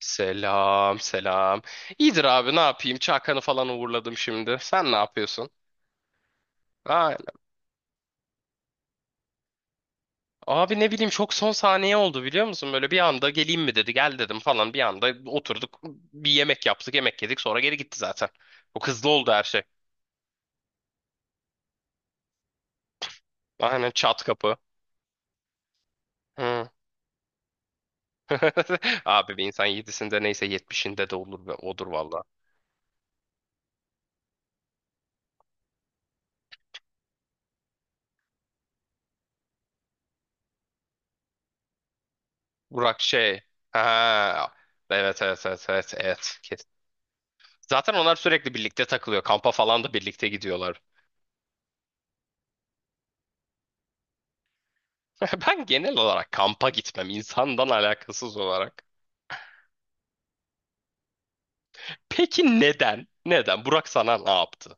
Selam, selam. İyidir abi ne yapayım? Çakan'ı falan uğurladım şimdi. Sen ne yapıyorsun? Aynen. Abi ne bileyim çok son saniye oldu biliyor musun? Böyle bir anda geleyim mi dedi. Gel dedim falan. Bir anda oturduk. Bir yemek yaptık, yemek yedik. Sonra geri gitti zaten. Çok hızlı oldu her şey. Aynen çat kapı. Hı. Abi bir insan yedisinde neyse yetmişinde de olur ve odur valla. Burak şey. Ha. Evet evet evet evet evet. Kesin. Zaten onlar sürekli birlikte takılıyor. Kampa falan da birlikte gidiyorlar. Ben genel olarak kampa gitmem insandan alakasız olarak. Peki neden? Neden? Burak sana ne yaptı?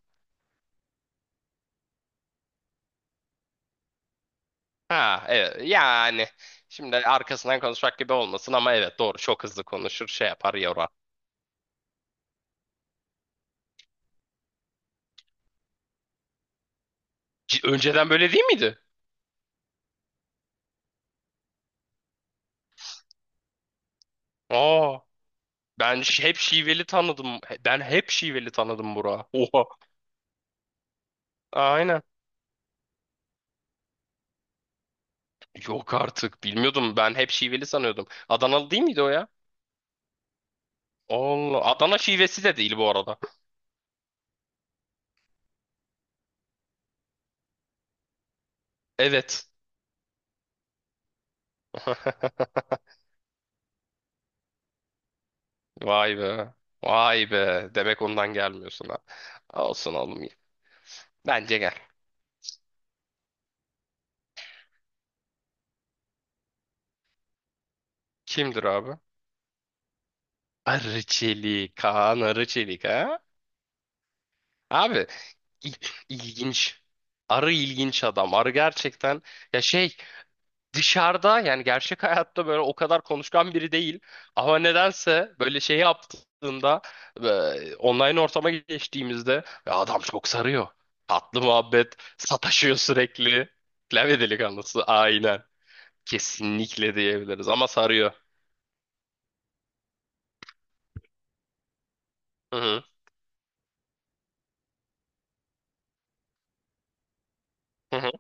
Ha evet yani şimdi arkasından konuşmak gibi olmasın ama evet doğru çok hızlı konuşur şey yapar yorar. Önceden böyle değil miydi? Aa ben hep şiveli tanıdım. Ben hep şiveli tanıdım Burak'ı. Oha aynen. Yok artık bilmiyordum ben hep şiveli sanıyordum. Adanalı değil miydi o ya? Allah Adana şivesi de değil bu arada. Evet. Vay be. Vay be. Demek ondan gelmiyorsun ha. Olsun oğlum. Bence gel. Kimdir abi? Arı Çelik. Kaan Arı Çelik ha? Abi il- ilginç. Arı ilginç adam. Arı gerçekten ya şey dışarıda yani gerçek hayatta böyle o kadar konuşkan biri değil. Ama nedense böyle şey yaptığında online ortama geçtiğimizde "Ya adam çok sarıyor. Tatlı muhabbet, sataşıyor sürekli. Klavye delikanlısı aynen. Kesinlikle diyebiliriz ama sarıyor. Hı hı. Hı hı.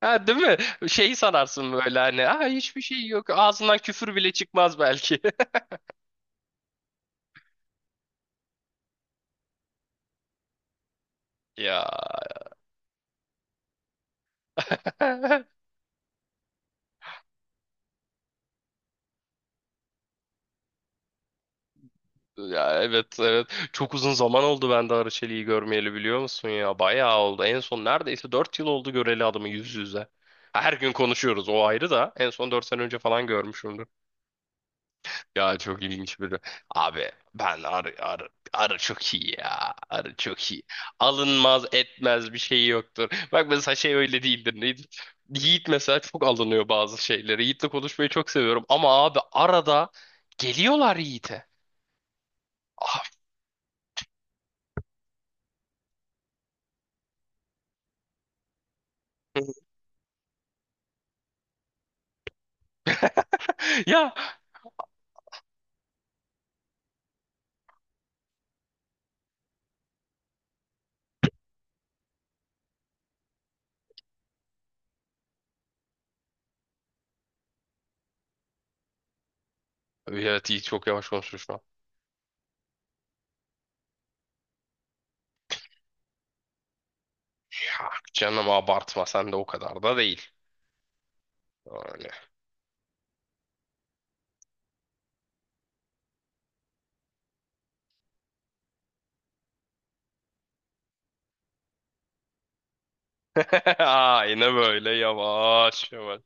Ha, değil mi? Şeyi sanarsın böyle hani. Aa, hiçbir şey yok. Ağzından küfür bile çıkmaz belki. Ya. Ya evet evet. Çok uzun zaman oldu ben de Arıçeli'yi görmeyeli biliyor musun ya? Bayağı oldu. En son neredeyse 4 yıl oldu göreli adamı yüz yüze. Her gün konuşuyoruz o ayrı da. En son 4 sene önce falan görmüşüm. Ya çok ilginç biri. Abi ben arı arı arı çok iyi ya. Arı çok iyi. Alınmaz etmez bir şey yoktur. Bak mesela şey öyle değildir. Neydi? Yiğit mesela çok alınıyor bazı şeylere. Yiğit'le konuşmayı çok seviyorum ama abi arada geliyorlar Yiğit'e. Ah, ya evet Yiğit çok yavaş konuşmuş lan. Ya canım abartma sen de o kadar da değil. Öyle. Aynen böyle yavaş yavaş.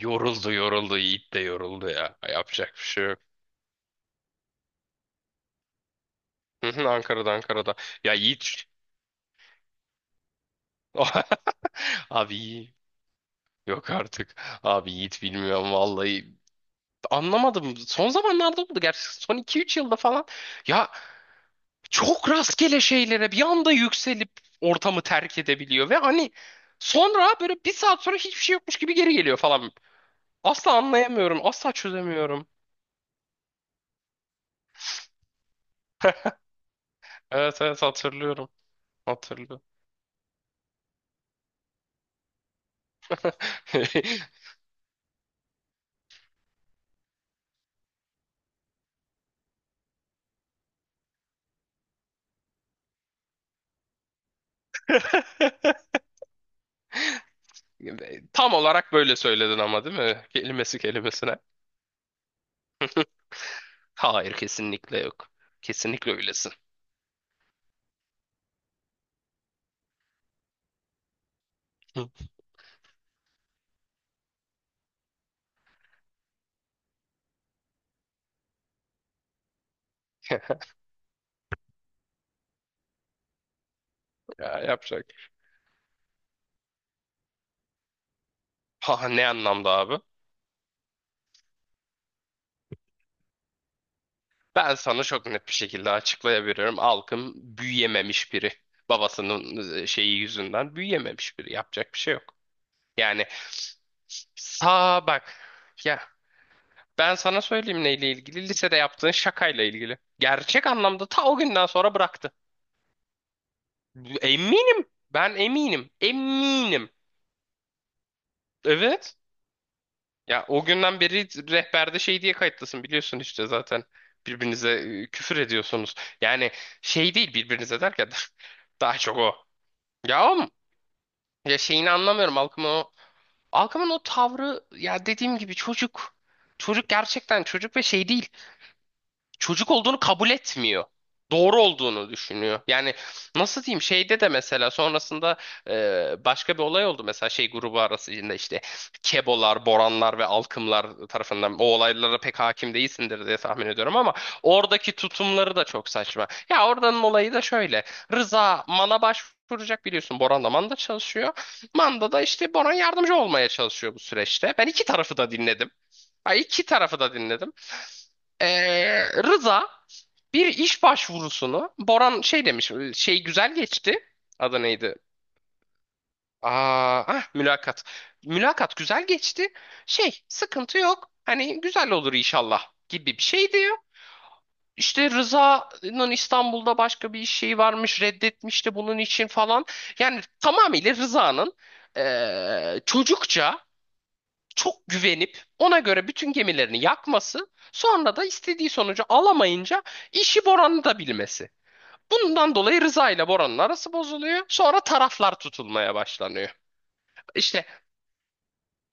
Yoruldu yoruldu Yiğit de yoruldu ya. Yapacak bir şey yok. Hı hı, Ankara'da Ankara'da. Ya Yiğit. Abi iyi. Yok artık. Abi Yiğit bilmiyorum vallahi. Anlamadım. Son zamanlarda oldu. Gerçi son 2-3 yılda falan. Ya çok rastgele şeylere bir anda yükselip ortamı terk edebiliyor. Ve hani sonra böyle bir saat sonra hiçbir şey yokmuş gibi geri geliyor falan. Asla anlayamıyorum. Asla çözemiyorum. Evet evet hatırlıyorum. Hatırlıyorum. Tam olarak böyle söyledin ama değil mi? Kelimesi kelimesine. Hayır kesinlikle yok. Kesinlikle öylesin. Hı. Ya yapacak. Ha, ne anlamda abi? Ben sana çok net bir şekilde açıklayabilirim. Alkım büyüyememiş biri. Babasının şeyi yüzünden büyüyememiş biri. Yapacak bir şey yok. Yani sağ bak. Ya ben sana söyleyeyim neyle ilgili? Lisede yaptığın şakayla ilgili. Gerçek anlamda ta o günden sonra bıraktı. Eminim. Ben eminim. Eminim. Evet. Ya o günden beri rehberde şey diye kayıtlısın biliyorsun işte zaten birbirinize küfür ediyorsunuz. Yani şey değil birbirinize derken daha çok o. Ya oğlum ya şeyini anlamıyorum Alkım'ın o Alkım'ın o tavrı ya dediğim gibi çocuk. Çocuk gerçekten çocuk ve şey değil çocuk olduğunu kabul etmiyor. Doğru olduğunu düşünüyor. Yani nasıl diyeyim şeyde de mesela sonrasında başka bir olay oldu. Mesela şey grubu arasında işte Kebolar, Boranlar ve Alkımlar tarafından o olaylara pek hakim değilsindir diye tahmin ediyorum ama oradaki tutumları da çok saçma. Ya oradanın olayı da şöyle. Rıza Man'a başvuracak biliyorsun. Boran da Man'da çalışıyor. Manda da işte Boran yardımcı olmaya çalışıyor bu süreçte. Ben iki tarafı da dinledim. Ay iki tarafı da dinledim. Rıza bir iş başvurusunu Boran şey demiş şey güzel geçti. Adı neydi? Aa, ah, mülakat. Mülakat güzel geçti. Şey sıkıntı yok. Hani güzel olur inşallah gibi bir şey diyor. İşte Rıza'nın İstanbul'da başka bir iş şeyi varmış reddetmişti bunun için falan. Yani tamamıyla Rıza'nın çocukça çok güvenip ona göre bütün gemilerini yakması sonra da istediği sonucu alamayınca işi Boran'ı da bilmesi. Bundan dolayı Rıza ile Bora'nın arası bozuluyor. Sonra taraflar tutulmaya başlanıyor. İşte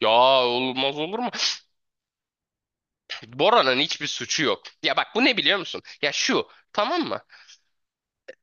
ya olmaz olur mu? Bora'nın hiçbir suçu yok. Ya bak bu ne biliyor musun? Ya şu tamam mı?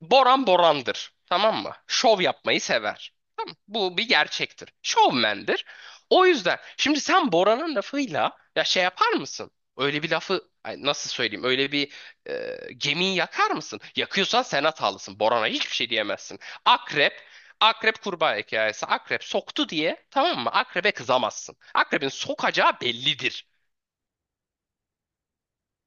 Boran Boran'dır. Tamam mı? Şov yapmayı sever. Tamam mı? Bu bir gerçektir. Şovmendir. O yüzden şimdi sen Boran'ın lafıyla ya şey yapar mısın? Öyle bir lafı ay nasıl söyleyeyim? Öyle bir gemiyi yakar mısın? Yakıyorsan sen hatalısın. Boran'a hiçbir şey diyemezsin. Akrep Akrep kurbağa hikayesi. Akrep soktu diye tamam mı? Akrebe kızamazsın. Akrebin sokacağı bellidir.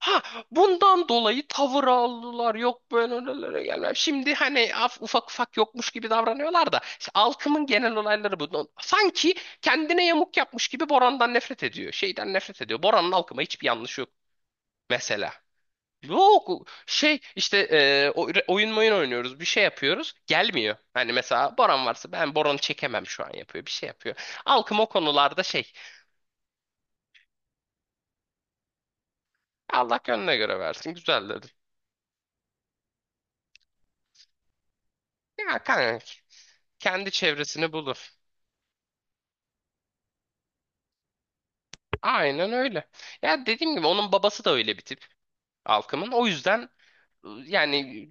Ha, bundan dolayı tavır aldılar. Yok böyle öylelere gelmem. Şimdi hani ufak ufak yokmuş gibi davranıyorlar da işte halkımın genel olayları bu. No, sanki kendine yamuk yapmış gibi Boran'dan nefret ediyor. Şeyden nefret ediyor. Boran'ın halkıma hiçbir yanlışı yok mesela. Yok şey işte oyun oynuyoruz bir şey yapıyoruz gelmiyor. Hani mesela Boran varsa ben Boran'ı çekemem şu an yapıyor bir şey yapıyor. Halkım o konularda şey Allah gönlüne göre versin güzel. Ya kanka kendi çevresini bulur. Aynen öyle. Ya dediğim gibi onun babası da öyle bir tip Alkım'ın. O yüzden yani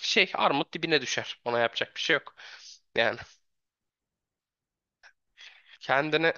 şey armut dibine düşer. Ona yapacak bir şey yok. Yani kendine.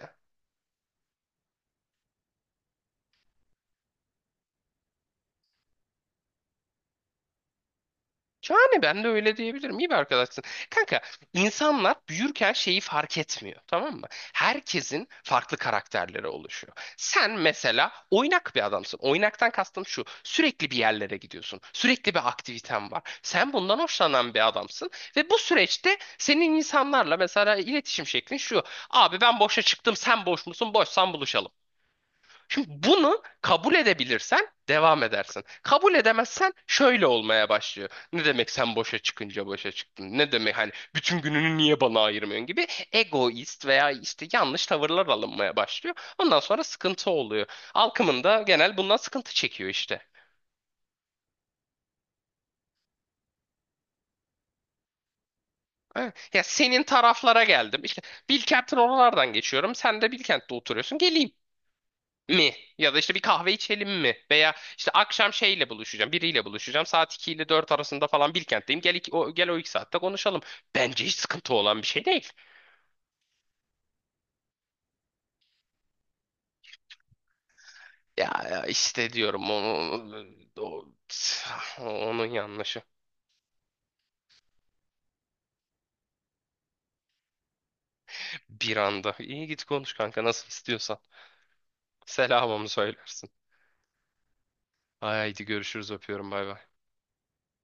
Yani ben de öyle diyebilirim. İyi bir arkadaşsın. Kanka insanlar büyürken şeyi fark etmiyor. Tamam mı? Herkesin farklı karakterleri oluşuyor. Sen mesela oynak bir adamsın. Oynaktan kastım şu. Sürekli bir yerlere gidiyorsun. Sürekli bir aktiviten var. Sen bundan hoşlanan bir adamsın. Ve bu süreçte senin insanlarla mesela iletişim şeklin şu. Abi ben boşa çıktım sen boş musun? Boşsan buluşalım. Şimdi bunu kabul edebilirsen devam edersin. Kabul edemezsen şöyle olmaya başlıyor. Ne demek sen boşa çıkınca boşa çıktın? Ne demek hani bütün gününü niye bana ayırmıyorsun gibi egoist veya işte yanlış tavırlar alınmaya başlıyor. Ondan sonra sıkıntı oluyor. Halkımın da genel bundan sıkıntı çekiyor işte. Ha, ya senin taraflara geldim. İşte Bilkent'in oralardan geçiyorum. Sen de Bilkent'te oturuyorsun. Geleyim mi? Ya da işte bir kahve içelim mi? Veya işte akşam şeyle buluşacağım, biriyle buluşacağım. Saat 2 ile 4 arasında falan Bilkent'teyim. Gel, o 2 saatte konuşalım. Bence hiç sıkıntı olan bir şey değil. Ya ya işte diyorum onu, o- onun yanlışı. Bir anda. İyi git konuş kanka nasıl istiyorsan. Selamımı söylersin. Haydi görüşürüz öpüyorum bay bay.